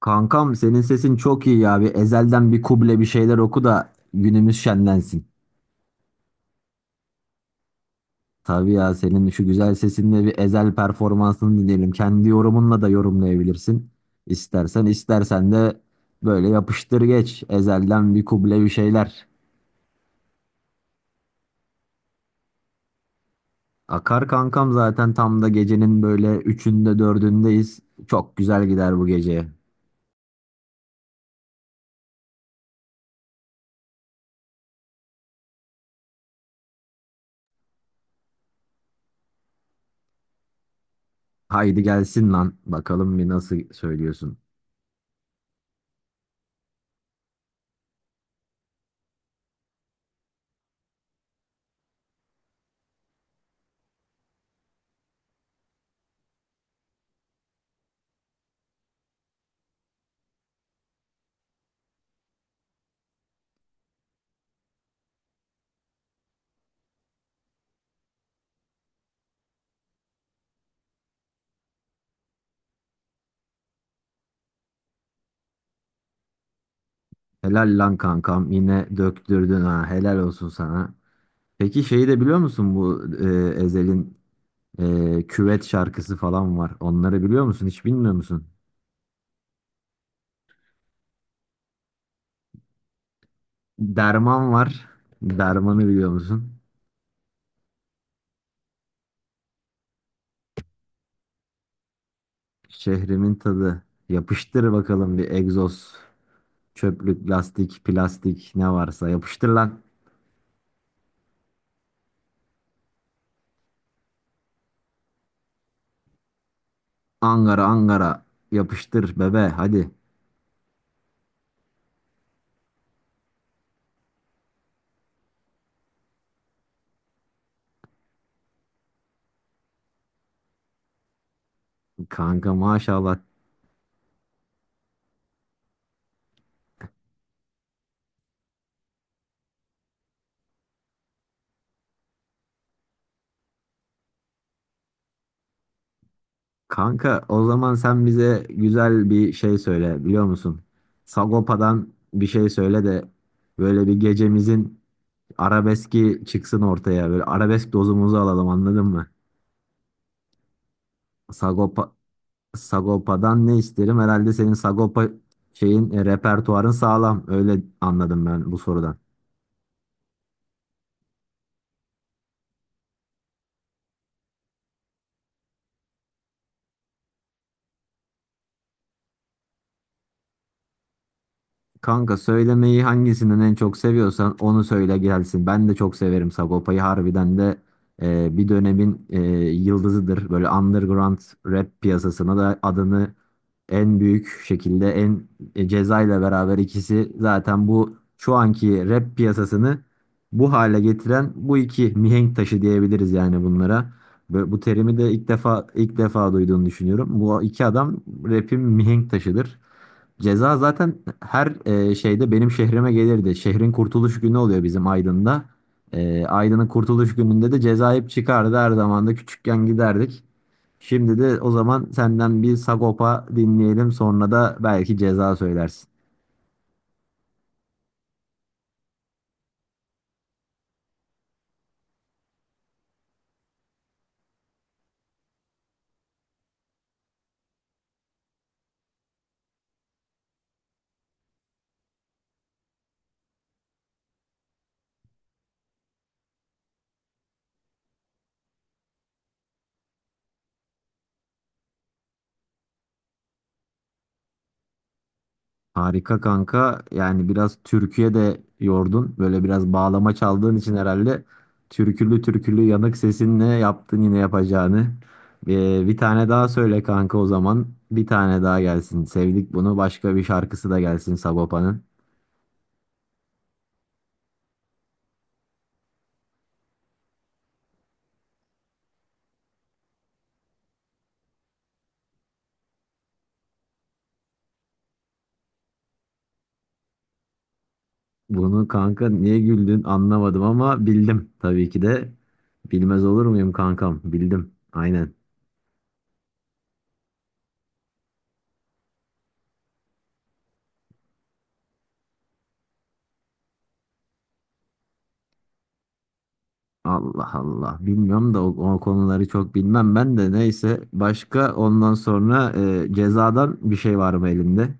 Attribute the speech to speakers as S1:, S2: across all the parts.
S1: Kankam senin sesin çok iyi ya. Bir ezelden bir kuble bir şeyler oku da günümüz şenlensin. Tabii ya senin şu güzel sesinle bir ezel performansını dinleyelim. Kendi yorumunla da yorumlayabilirsin. İstersen de böyle yapıştır geç. Ezelden bir kuble bir şeyler. Akar kankam zaten tam da gecenin böyle üçünde dördündeyiz. Çok güzel gider bu gece. Haydi gelsin lan. Bakalım bir nasıl söylüyorsun. Helal lan kankam yine döktürdün ha. Helal olsun sana. Peki şeyi de biliyor musun bu Ezel'in küvet şarkısı falan var. Onları biliyor musun? Hiç bilmiyor musun? Derman var. Dermanı biliyor musun? Şehrimin tadı. Yapıştır bakalım bir egzoz. Çöplük, lastik, plastik ne varsa yapıştır lan. Angara Angara yapıştır bebe hadi. Kanka maşallah. Kanka o zaman sen bize güzel bir şey söyle biliyor musun? Sagopa'dan bir şey söyle de böyle bir gecemizin arabeski çıksın ortaya. Böyle arabesk dozumuzu alalım anladın mı? Sagopa, Sagopa'dan ne isterim? Herhalde senin Sagopa şeyin, repertuarın sağlam. Öyle anladım ben bu sorudan. Kanka söylemeyi hangisinden en çok seviyorsan onu söyle gelsin. Ben de çok severim Sagopa'yı. Harbiden de bir dönemin yıldızıdır. Böyle underground rap piyasasına da adını en büyük şekilde en Ceza ile beraber ikisi zaten bu şu anki rap piyasasını bu hale getiren bu iki mihenk taşı diyebiliriz yani bunlara. Ve bu terimi de ilk defa duyduğunu düşünüyorum. Bu iki adam rap'in mihenk taşıdır. Ceza zaten her şeyde benim şehrime gelirdi. Şehrin kurtuluş günü oluyor bizim Aydın'da. Aydın'ın kurtuluş gününde de Ceza hep çıkardı, her zaman da küçükken giderdik. Şimdi de o zaman senden bir Sagopa dinleyelim. Sonra da belki ceza söylersin. Harika kanka. Yani biraz türküye de yordun. Böyle biraz bağlama çaldığın için herhalde türkülü türkülü yanık sesinle yaptın yine yapacağını. Bir tane daha söyle kanka o zaman. Bir tane daha gelsin. Sevdik bunu. Başka bir şarkısı da gelsin Sagopa'nın. Bunu kanka niye güldün anlamadım ama bildim tabii ki de. Bilmez olur muyum kankam? Bildim. Aynen. Allah Allah. Bilmiyorum da o konuları çok bilmem ben de. Neyse. Başka ondan sonra cezadan bir şey var mı elinde?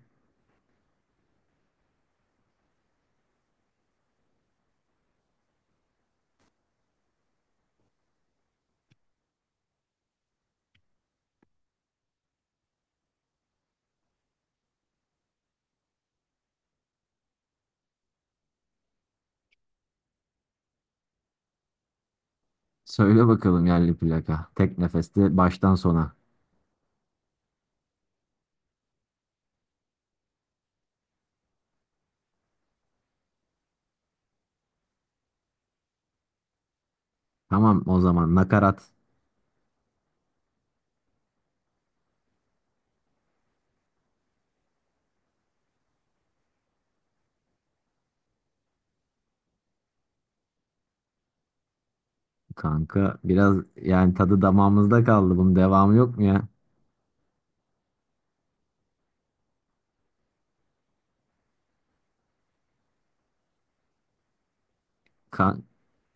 S1: Söyle bakalım yerli plaka. Tek nefeste baştan sona. Tamam o zaman nakarat. Kanka biraz yani tadı damağımızda kaldı. Bunun devamı yok mu ya? Kan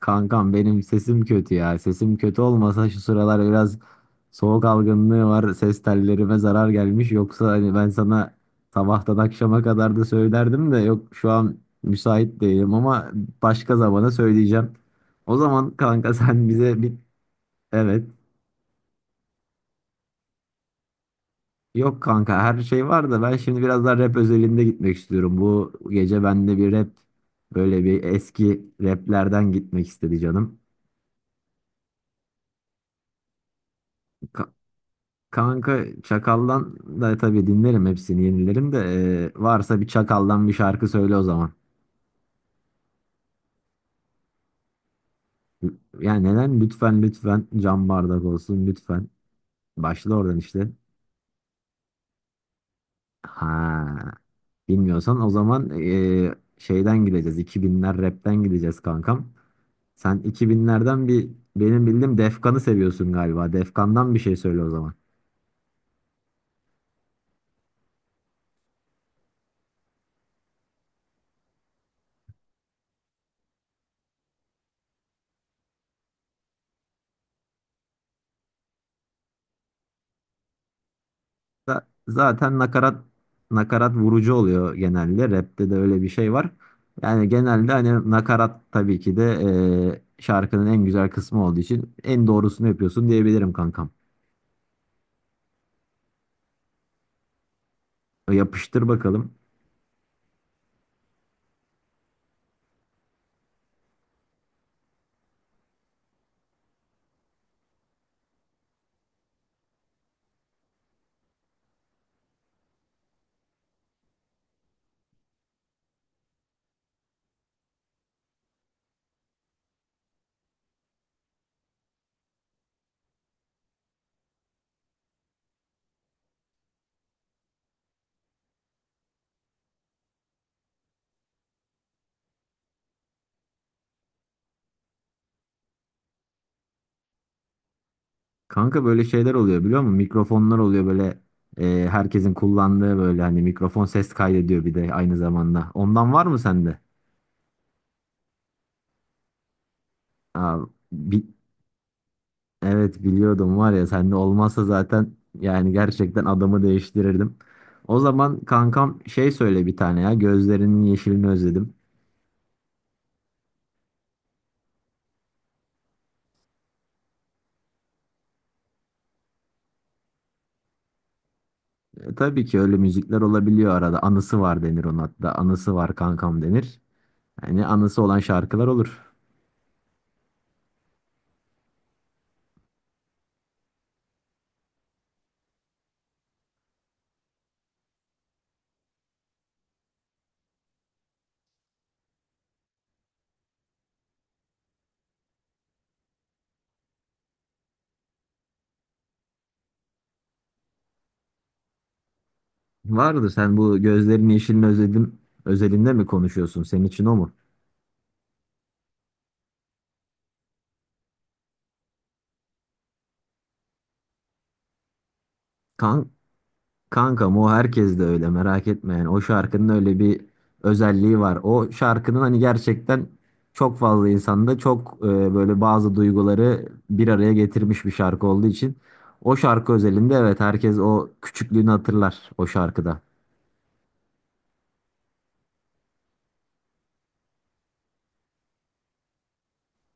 S1: Kankam benim sesim kötü ya. Sesim kötü olmasa şu sıralar biraz soğuk algınlığı var. Ses tellerime zarar gelmiş. Yoksa hani ben sana sabahtan akşama kadar da söylerdim de yok şu an müsait değilim ama başka zamana söyleyeceğim. O zaman kanka sen bize bir evet. Yok kanka her şey var da ben şimdi biraz daha rap özelinde gitmek istiyorum. Bu gece bende bir rap böyle bir eski raplerden gitmek istedi canım. Kanka Çakal'dan da tabii dinlerim hepsini, yenilerim de. Varsa bir Çakal'dan bir şarkı söyle o zaman. Yani neden? Lütfen lütfen cam bardak olsun lütfen. Başla oradan işte. Ha, bilmiyorsan o zaman şeyden gideceğiz. 2000'ler rapten gideceğiz kankam. Sen 2000'lerden bir benim bildiğim Defkan'ı seviyorsun galiba. Defkan'dan bir şey söyle o zaman. Zaten nakarat vurucu oluyor genelde. Rap'te de öyle bir şey var. Yani genelde hani nakarat tabii ki de şarkının en güzel kısmı olduğu için en doğrusunu yapıyorsun diyebilirim kankam. Yapıştır bakalım. Kanka böyle şeyler oluyor biliyor musun? Mikrofonlar oluyor böyle herkesin kullandığı, böyle hani mikrofon ses kaydediyor bir de aynı zamanda. Ondan var mı sende? Aa, bi- Evet biliyordum, var ya sen de olmazsa zaten yani gerçekten adamı değiştirirdim. O zaman kankam şey söyle bir tane ya, gözlerinin yeşilini özledim. Tabii ki öyle müzikler olabiliyor, arada anısı var denir ona, hatta anısı var kankam denir. Yani anısı olan şarkılar olur. Vardır, sen bu gözlerinin yeşilini özledim özelinde mi konuşuyorsun, senin için o mu? Kan Kankam o herkes de öyle, merak etme. Yani o şarkının öyle bir özelliği var. O şarkının hani gerçekten çok fazla insanda çok böyle bazı duyguları bir araya getirmiş bir şarkı olduğu için, o şarkı özelinde evet, herkes o küçüklüğünü hatırlar o şarkıda.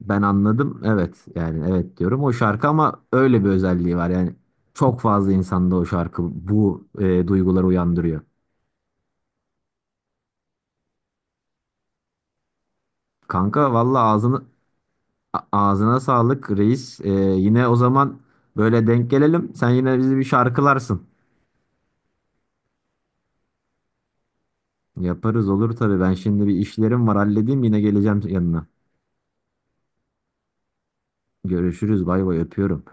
S1: Ben anladım evet, yani evet diyorum o şarkı, ama öyle bir özelliği var yani çok fazla insanda o şarkı bu duyguları uyandırıyor. Kanka valla Ağzına sağlık reis. Yine o zaman böyle denk gelelim. Sen yine bizi bir şarkılarsın. Yaparız, olur tabii. Ben şimdi bir işlerim var, halledeyim, yine geleceğim yanına. Görüşürüz, bay bay, öpüyorum.